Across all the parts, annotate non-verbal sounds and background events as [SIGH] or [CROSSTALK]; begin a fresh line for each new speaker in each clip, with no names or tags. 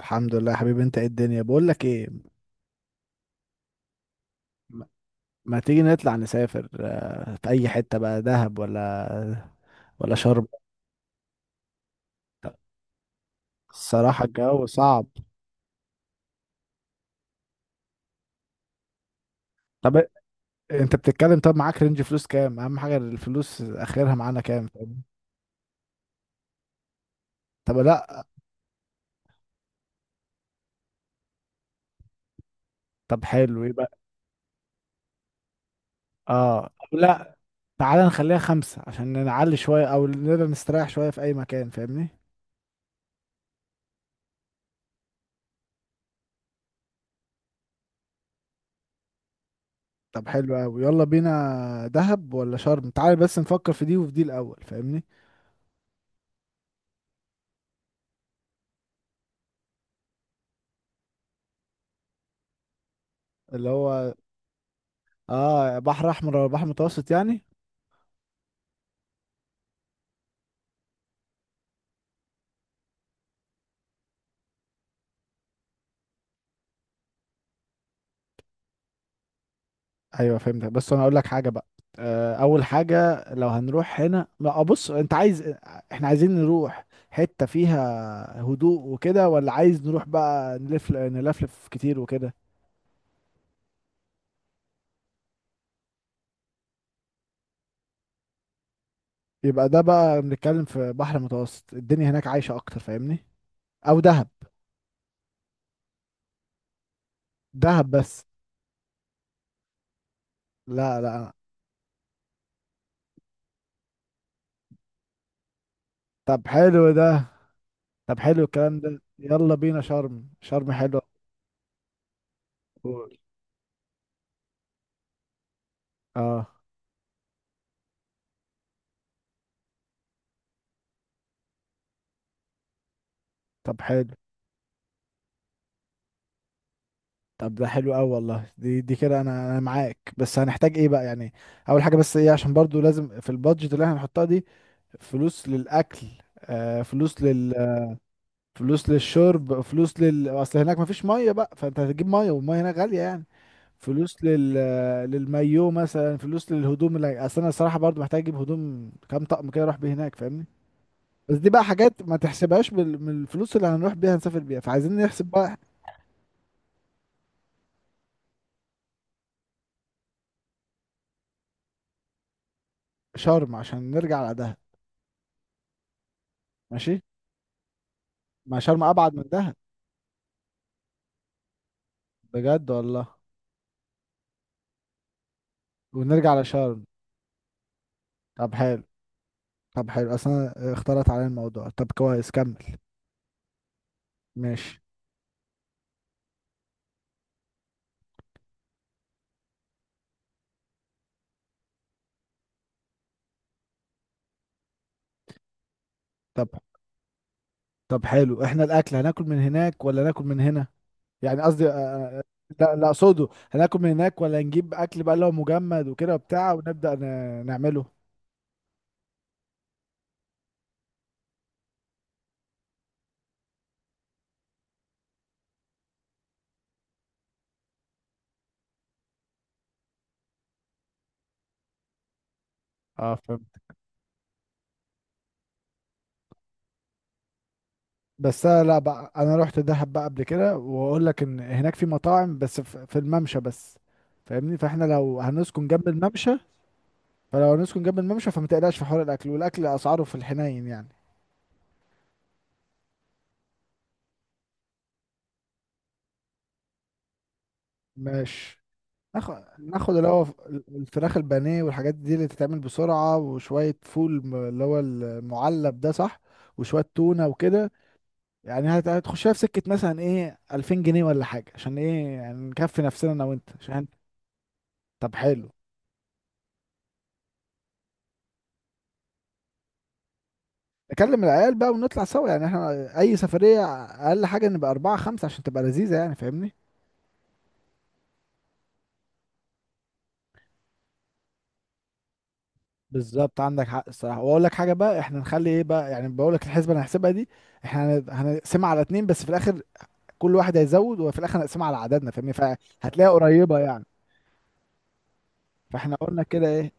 الحمد لله يا حبيبي، انت؟ ايه الدنيا؟ بقول لك ايه. ما ما تيجي نطلع نسافر، في اي حتة بقى، دهب ولا شرم؟ الصراحة الجو صعب. طب انت بتتكلم. طب معاك رينج فلوس كام؟ اهم حاجة الفلوس، اخرها معانا كام؟ طب لا. طب حلو. ايه بقى؟ اه. طب لا. تعالى نخليها 5 عشان نعلي شوية او نقدر نستريح شوية في اي مكان، فاهمني؟ طب حلو قوي، يلا بينا، دهب ولا شرم؟ تعالى بس نفكر في دي وفي دي الاول، فاهمني؟ اللي هو اه، بحر احمر ولا بحر متوسط يعني؟ ايوه فهمتك، بس انا اقول لك حاجه بقى. اول حاجه، لو هنروح هنا لا. بص، انت عايز، احنا عايزين نروح حته فيها هدوء وكده، ولا عايز نروح بقى نلف نلفلف كتير وكده؟ يبقى ده بقى بنتكلم في بحر متوسط، الدنيا هناك عايشه اكتر، فاهمني؟ او دهب. دهب بس. لا، لا. طب حلو ده. طب حلو الكلام ده. يلا بينا شرم، شرم حلو. قول. اه. طب حلو. طب ده حلو قوي والله، دي كده انا معاك. بس هنحتاج ايه بقى يعني؟ اول حاجه بس ايه، عشان برضو لازم في البادجت اللي احنا هنحطها دي، فلوس للاكل، فلوس لل، فلوس للشرب، فلوس لل، اصل هناك مفيش ميه بقى، فانت هتجيب ميه، والميه هناك غاليه يعني. فلوس للمايو مثلا، فلوس للهدوم، اللي اصل انا الصراحه برضو محتاج اجيب هدوم كام طقم كده اروح بيه هناك، فاهمني. بس دي بقى حاجات ما تحسبهاش من الفلوس اللي هنروح بيها نسافر بيها، فعايزين نحسب بقى. شرم عشان نرجع على دهب. ماشي. ما شرم ابعد من دهب. بجد والله. ونرجع لشرم. طب حلو. طب حلو، اصلا اختلط علينا الموضوع. طب كويس، كمل. ماشي. طب. طب حلو. احنا الاكل، هناكل من هناك ولا ناكل من هنا؟ يعني قصدي، لا لا، اقصده هناكل من هناك، ولا نجيب اكل بقى اللي هو مجمد وكده وبتاع، ونبدا نعمله؟ اه فهمت. بس انا لا بقى، انا رحت دهب بقى قبل كده، واقول لك ان هناك في مطاعم بس، في الممشى بس، فاهمني. فاحنا لو هنسكن جنب الممشى، فلو نسكن جنب الممشى فما تقلقش في حوار الاكل، والاكل اسعاره في الحنين يعني. ماشي. ناخد اللي هو الفراخ البانيه والحاجات دي اللي تتعمل بسرعه، وشويه فول اللي هو المعلب ده، صح؟ وشويه تونه وكده. يعني هتخشها في سكه مثلا ايه، 2000 جنيه ولا حاجه، عشان ايه يعني، نكفي نفسنا انا وانت عشان. طب حلو. نكلم العيال بقى ونطلع سوا يعني احنا، اي سفريه اقل حاجه نبقى 4 5 عشان تبقى لذيذه يعني، فاهمني. بالظبط عندك حق الصراحه. واقول لك حاجه بقى، احنا نخلي ايه بقى يعني، بقول لك الحسبه اللي هنحسبها دي، احنا هنقسمها على اتنين بس في الاخر، كل واحد هيزود، وفي الاخر هنقسمها على عددنا، فاهمني؟ فهتلاقيها قريبه يعني. فاحنا قلنا كده ايه.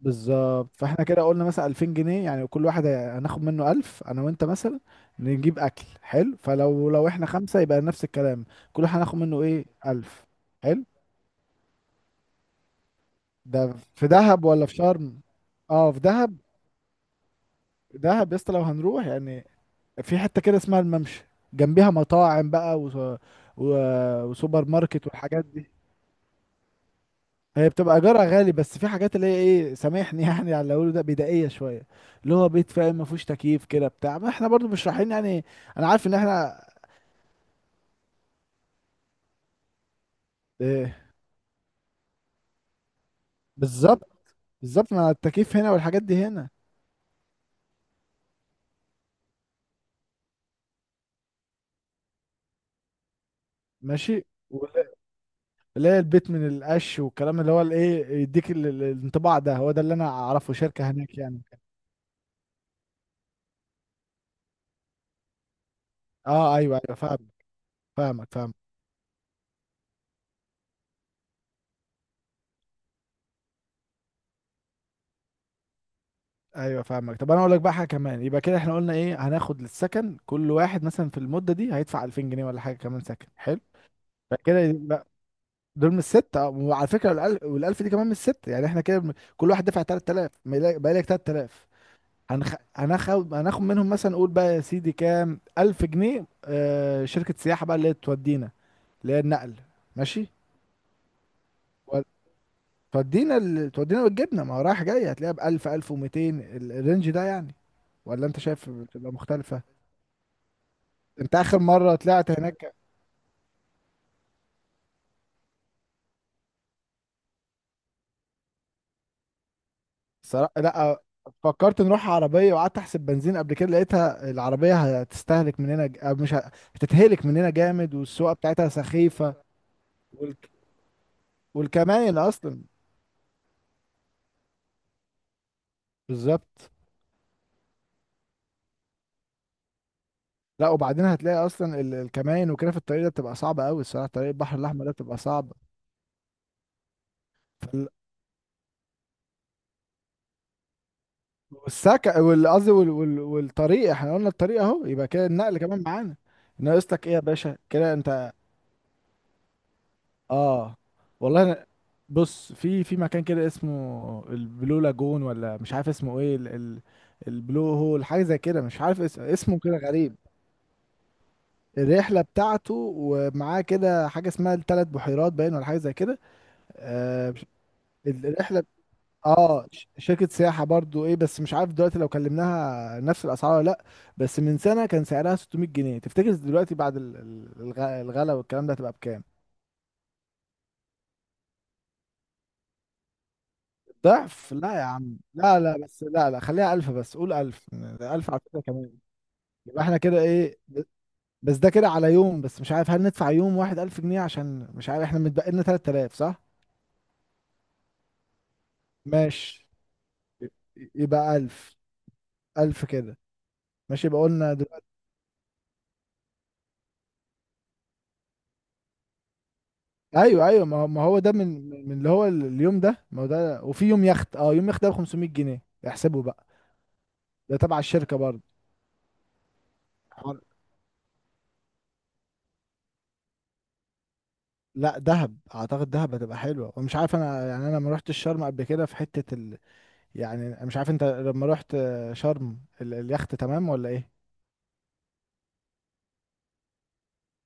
بالظبط. فاحنا كده قلنا مثلا 2000 جنيه يعني، كل واحد هناخد منه 1000، انا وانت مثلا، نجيب اكل حلو. فلو احنا 5 يبقى نفس الكلام، كل واحد هناخد منه ايه، 1000. حلو. ده في دهب ولا في شرم؟ اه في دهب. دهب يا اسطى لو هنروح يعني، في حتة كده اسمها الممشى، جنبيها مطاعم بقى و... وسوبر ماركت والحاجات دي. هي بتبقى ايجارها غالي، بس في حاجات اللي هي ايه، سامحني [LAUGHS] يعني على اللي اقوله ده، بدائية شوية، اللي هو بيت، فاهم، ما فيهوش تكييف كده بتاع، ما احنا برضو مش رايحين يعني، انا عارف ان احنا. إيه. بالظبط بالظبط ما التكييف هنا والحاجات دي هنا. ماشي. ولا- اللي هي البيت من القش والكلام، اللي هو الايه، يديك الانطباع ده، هو ده اللي انا اعرفه شركة هناك يعني. اه ايوه، ايوه فاهم. فاهمك، فاهمك. ايوه فاهمك. طب انا اقول لك بقى حاجه كمان، يبقى كده احنا قلنا ايه، هناخد للسكن كل واحد مثلا في المده دي هيدفع 2000 جنيه ولا حاجه، كمان سكن حلو، فكده يبقى دول من الست، اه، وعلى فكره والالف دي كمان من الست يعني. احنا كده كل واحد دفع 3000، بقى لك 3000. هناخد منهم مثلا قول بقى يا سيدي كام، 1000 جنيه، شركه سياحه بقى اللي هي تودينا، اللي هي النقل. ماشي. و- تودينا وتجيبنا، ما هو رايح جاي، هتلاقيها ب 1000، 1200، الرينج ده يعني، ولا انت شايف بتبقى مختلفه؟ انت اخر مره طلعت هناك؟ صراحة لا. فكرت نروح عربيه وقعدت احسب بنزين قبل كده، لقيتها العربيه هتستهلك مننا أو مش هتتهلك مننا جامد، والسواقه بتاعتها سخيفه. والك... والكماين اصلا. بالظبط. لا، وبعدين هتلاقي اصلا الكماين وكده في الطريق ده بتبقى صعبه قوي الصراحه، طريق البحر الاحمر ده بتبقى صعبه. فال... والسكة قصدي والطريق، احنا قلنا الطريق اهو، يبقى كده النقل كمان معانا. ناقص لك ايه يا باشا كده انت؟ اه والله أنا، بص، في مكان كده اسمه البلو لاجون، ولا مش عارف اسمه ايه، ال ال البلو هول حاجه زي كده، مش عارف اسمه كده غريب، الرحله بتاعته، ومعاه كده حاجه اسمها الثلاث بحيرات باين، ولا حاجه زي كده. آه مش- الرحله. اه شركه سياحه برضو ايه، بس مش عارف دلوقتي لو كلمناها نفس الاسعار ولا لا، بس من سنه كان سعرها 600 جنيه، تفتكر دلوقتي بعد الغلا والكلام ده هتبقى بكام؟ ضعف؟ لا يا عم، لا، لا، بس، لا، لا، خليها 1000، بس قول 1000. 1000 على فكرة كمان. يبقى احنا كده إيه؟ بس ده كده على يوم بس، مش عارف هل ندفع يوم واحد 1000 جنيه، عشان مش عارف احنا متبقي لنا 3000، صح؟ ماشي. يبقى 1000، 1000 كده. ماشي. يبقى قلنا دلوقتي، أيوه، أيوه، ما هو ده، من اللي هو اليوم ده، ما هو ده، وفي يوم يخت، يوم يخت ده ب 500 جنيه، احسبه بقى. ده تبع الشركة برضه. حر- لا، دهب اعتقد دهب هتبقى حلوه، ومش عارف انا يعني، انا ما رحتش الشرم قبل كده في حته، يعني مش عارف انت لما رحت شرم، اليخت تمام ولا ايه؟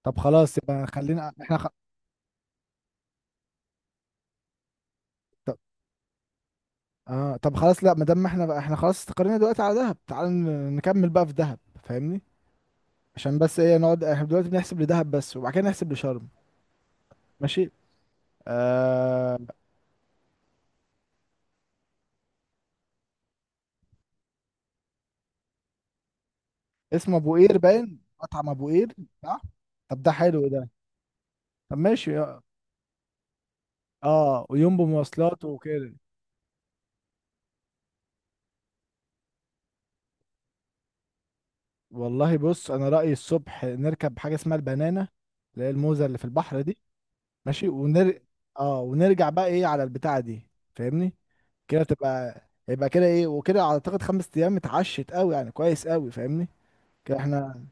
طب خلاص يبقى خلينا احنا طب اه. طب خلاص، لا، ما دام احنا بقى احنا خلاص استقرينا دلوقتي على دهب، تعال نكمل بقى في دهب، فاهمني. عشان بس ايه، نقعد احنا دلوقتي بنحسب لدهب بس وبعد كده نحسب لشرم. ماشي. آه... اسمه ابو قير باين، مطعم ابو قير. صح. طب ده حلو ده. طب ماشي. اه. ويوم بمواصلات وكده. والله بص، انا رأيي الصبح نركب حاجة اسمها البنانة، اللي هي الموزة اللي في البحر دي. ماشي. اه ونرجع بقى ايه على البتاعه دي، فاهمني؟ كده تبقى، يبقى كده ايه وكده، اعتقد 5 ايام اتعشت قوي يعني، كويس قوي، فاهمني. كده احنا.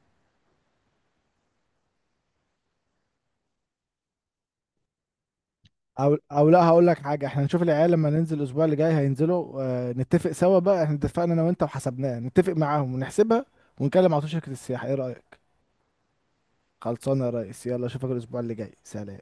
او لا، هقول لك حاجه، احنا نشوف العيال لما ننزل الاسبوع اللي جاي هينزلوا، نتفق سوا بقى، احنا اتفقنا انا وانت وحسبناها، نتفق معاهم ونحسبها، ونكلم على طول شركه السياحه، ايه رايك؟ خلصانه يا ريس، يلا اشوفك الاسبوع اللي جاي، سلام.